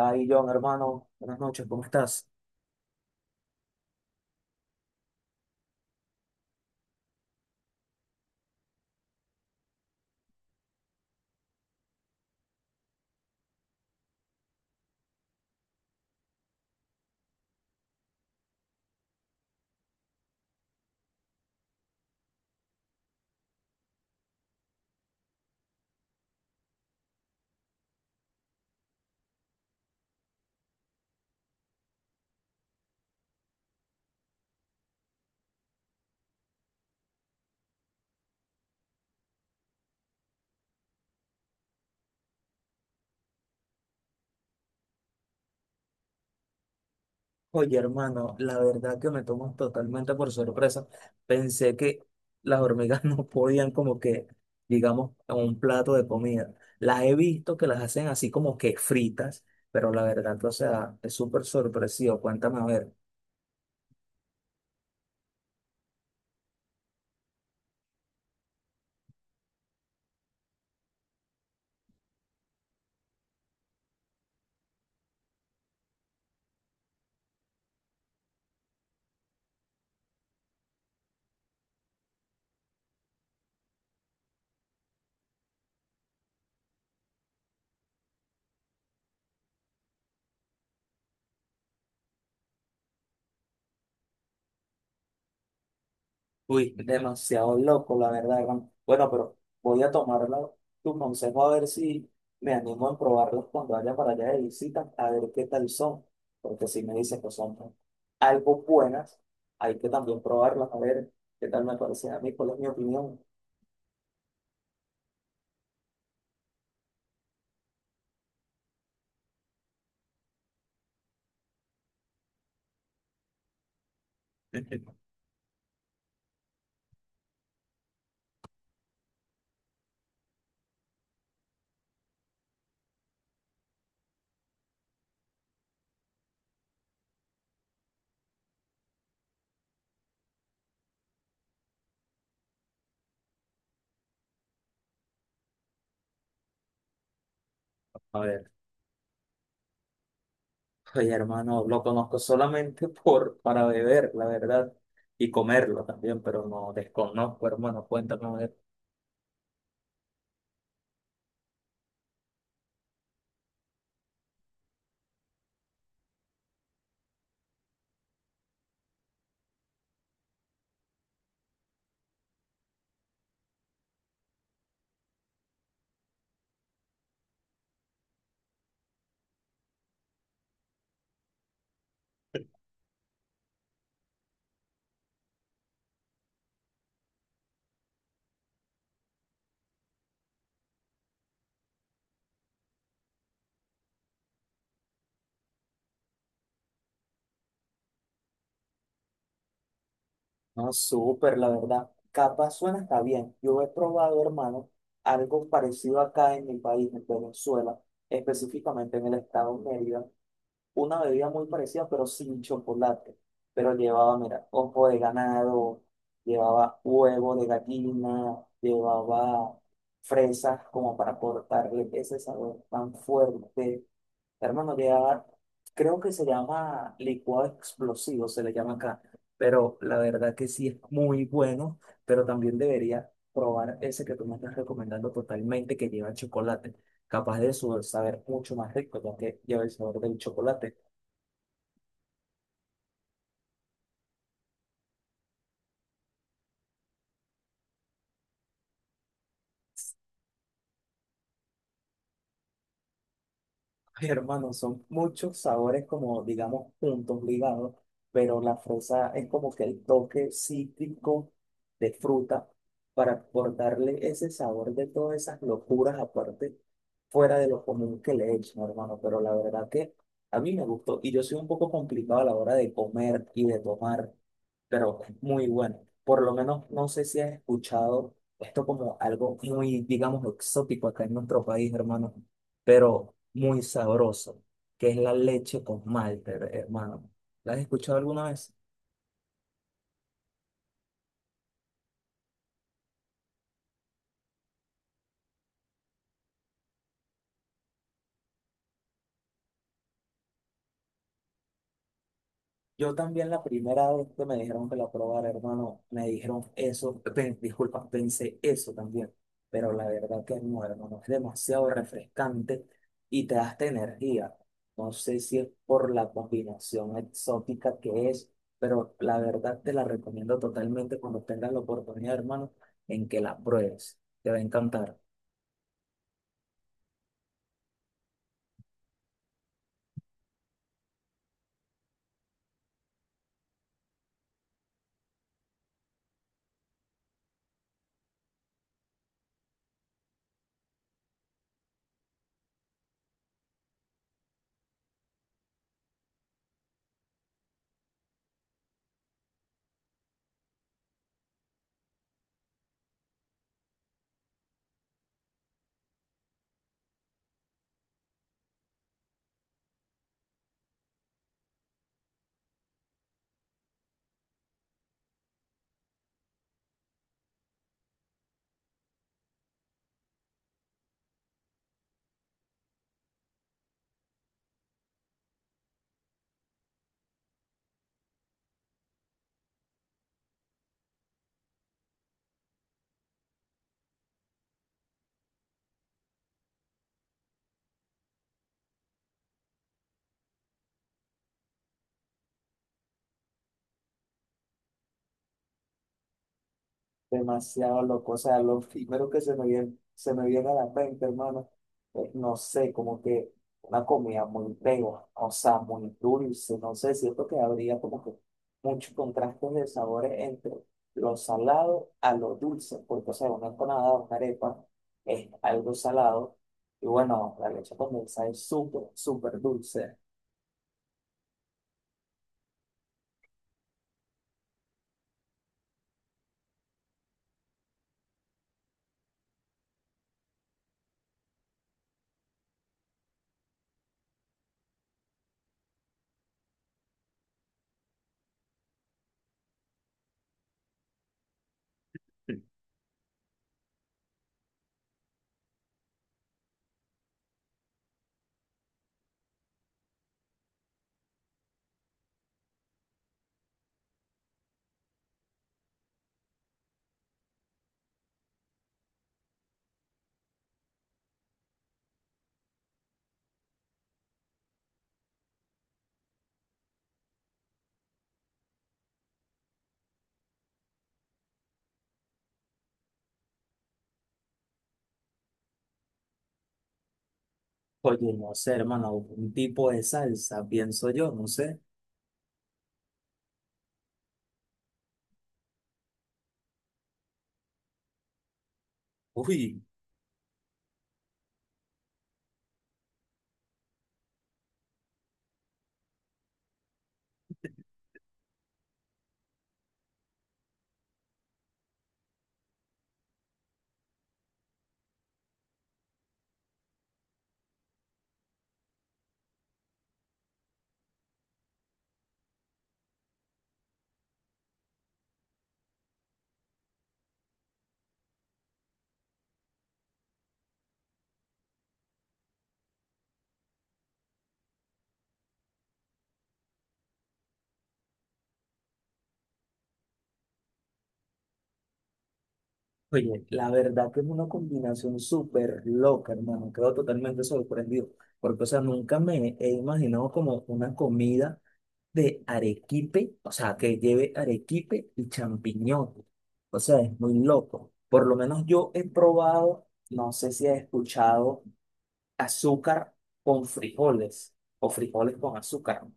Ay, John, hermano, buenas noches, ¿cómo estás? Oye, hermano, la verdad que me tomas totalmente por sorpresa. Pensé que las hormigas no podían como que, digamos, en un plato de comida. Las he visto que las hacen así como que fritas, pero la verdad que, o sea, es súper sorpresivo. Cuéntame a ver. Uy, demasiado loco, la verdad, hermano. Bueno, pero voy a tomar tu consejo a ver si me animo a probarlos cuando vaya para allá de visita, a ver qué tal son. Porque si me dicen que son algo buenas, hay que también probarlas, a ver qué tal me parecen a mí, cuál es mi opinión. A ver, oye, hermano, lo conozco solamente por, para beber, la verdad, y comerlo también, pero no desconozco, hermano, cuéntame. No, súper, la verdad. Capa suena está bien. Yo he probado, hermano, algo parecido acá en mi país, en Venezuela, específicamente en el estado de Mérida, una bebida muy parecida, pero sin chocolate. Pero llevaba, mira, ojo de ganado, llevaba huevo de gallina, llevaba fresas como para cortarle ese sabor tan fuerte. Hermano, ya creo que se llama licuado explosivo, se le llama acá, pero la verdad que sí es muy bueno, pero también debería probar ese que tú me estás recomendando totalmente, que lleva chocolate. Capaz de su saber mucho más rico, ya que lleva el sabor del chocolate. Ay, hermano, son muchos sabores como, digamos, juntos, ligados, pero la fresa es como que el toque cítrico de fruta para por darle ese sabor de todas esas locuras aparte, fuera de lo común que le echan, hermano. Pero la verdad que a mí me gustó y yo soy un poco complicado a la hora de comer y de tomar, pero muy bueno. Por lo menos no sé si has escuchado esto como algo muy, digamos, exótico acá en nuestro país, hermano, pero muy sabroso, que es la leche con malte, hermano. ¿La has escuchado alguna vez? Yo también la primera vez que me dijeron que la probara, hermano, me dijeron eso, disculpa, pensé eso también, pero la verdad que no, hermano, es demasiado refrescante y te da esta energía. No sé si es por la combinación exótica que es, pero la verdad te la recomiendo totalmente cuando tengas la oportunidad, hermano, en que la pruebes. Te va a encantar. Demasiado loco. O sea, lo primero que se me viene a la mente, hermano, es, no sé, como que una comida muy pegajosa, muy dulce, no sé, siento que habría como que muchos contrastes de sabores entre lo salado a lo dulce, porque, o sea, una empanada, una arepa es algo salado, y bueno, la leche condensada es súper, súper dulce. Oye, no sé, hermano, un tipo de salsa, pienso yo, no sé. Uy. Oye, la verdad que es una combinación súper loca, hermano. Quedo totalmente sorprendido. Porque, o sea, nunca me he imaginado como una comida de arequipe, o sea, que lleve arequipe y champiñón. O sea, es muy loco. Por lo menos yo he probado, no sé si has escuchado, azúcar con frijoles o frijoles con azúcar.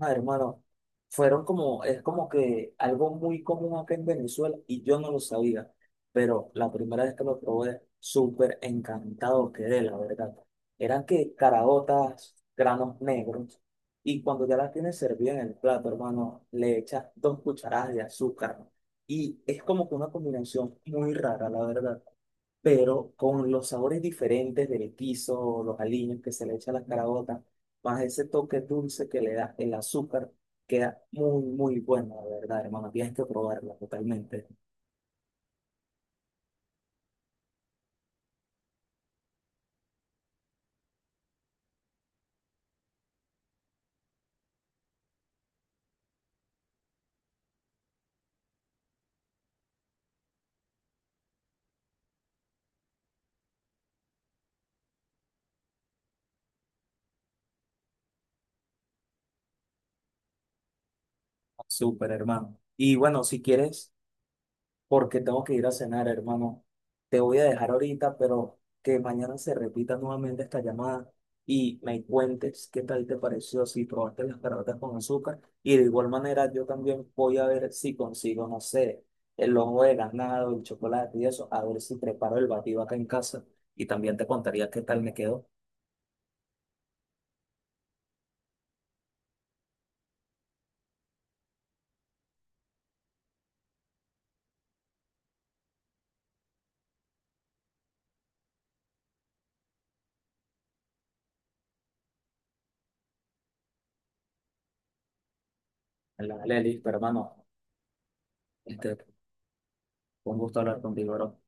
Ah, hermano, fueron como, es como que algo muy común acá en Venezuela y yo no lo sabía, pero la primera vez que lo probé, súper encantado quedé, la verdad. Eran que caraotas, granos negros, y cuando ya las tienes servidas en el plato, hermano, le echas dos cucharadas de azúcar, ¿no? Y es como que una combinación muy rara, la verdad, pero con los sabores diferentes del guiso, los aliños que se le echa a las caraotas, más ese toque dulce que le da el azúcar, queda muy, muy bueno, la verdad, hermano. Tienes que probarla totalmente. Súper, hermano. Y bueno, si quieres, porque tengo que ir a cenar, hermano. Te voy a dejar ahorita, pero que mañana se repita nuevamente esta llamada y me cuentes qué tal te pareció, si probaste las caraotas con azúcar. Y de igual manera, yo también voy a ver si consigo, no sé, el ojo de ganado, el chocolate y eso, a ver si preparo el batido acá en casa. Y también te contaría qué tal me quedó en la Lelis, pero hermano, este, fue un gusto hablar contigo, bro.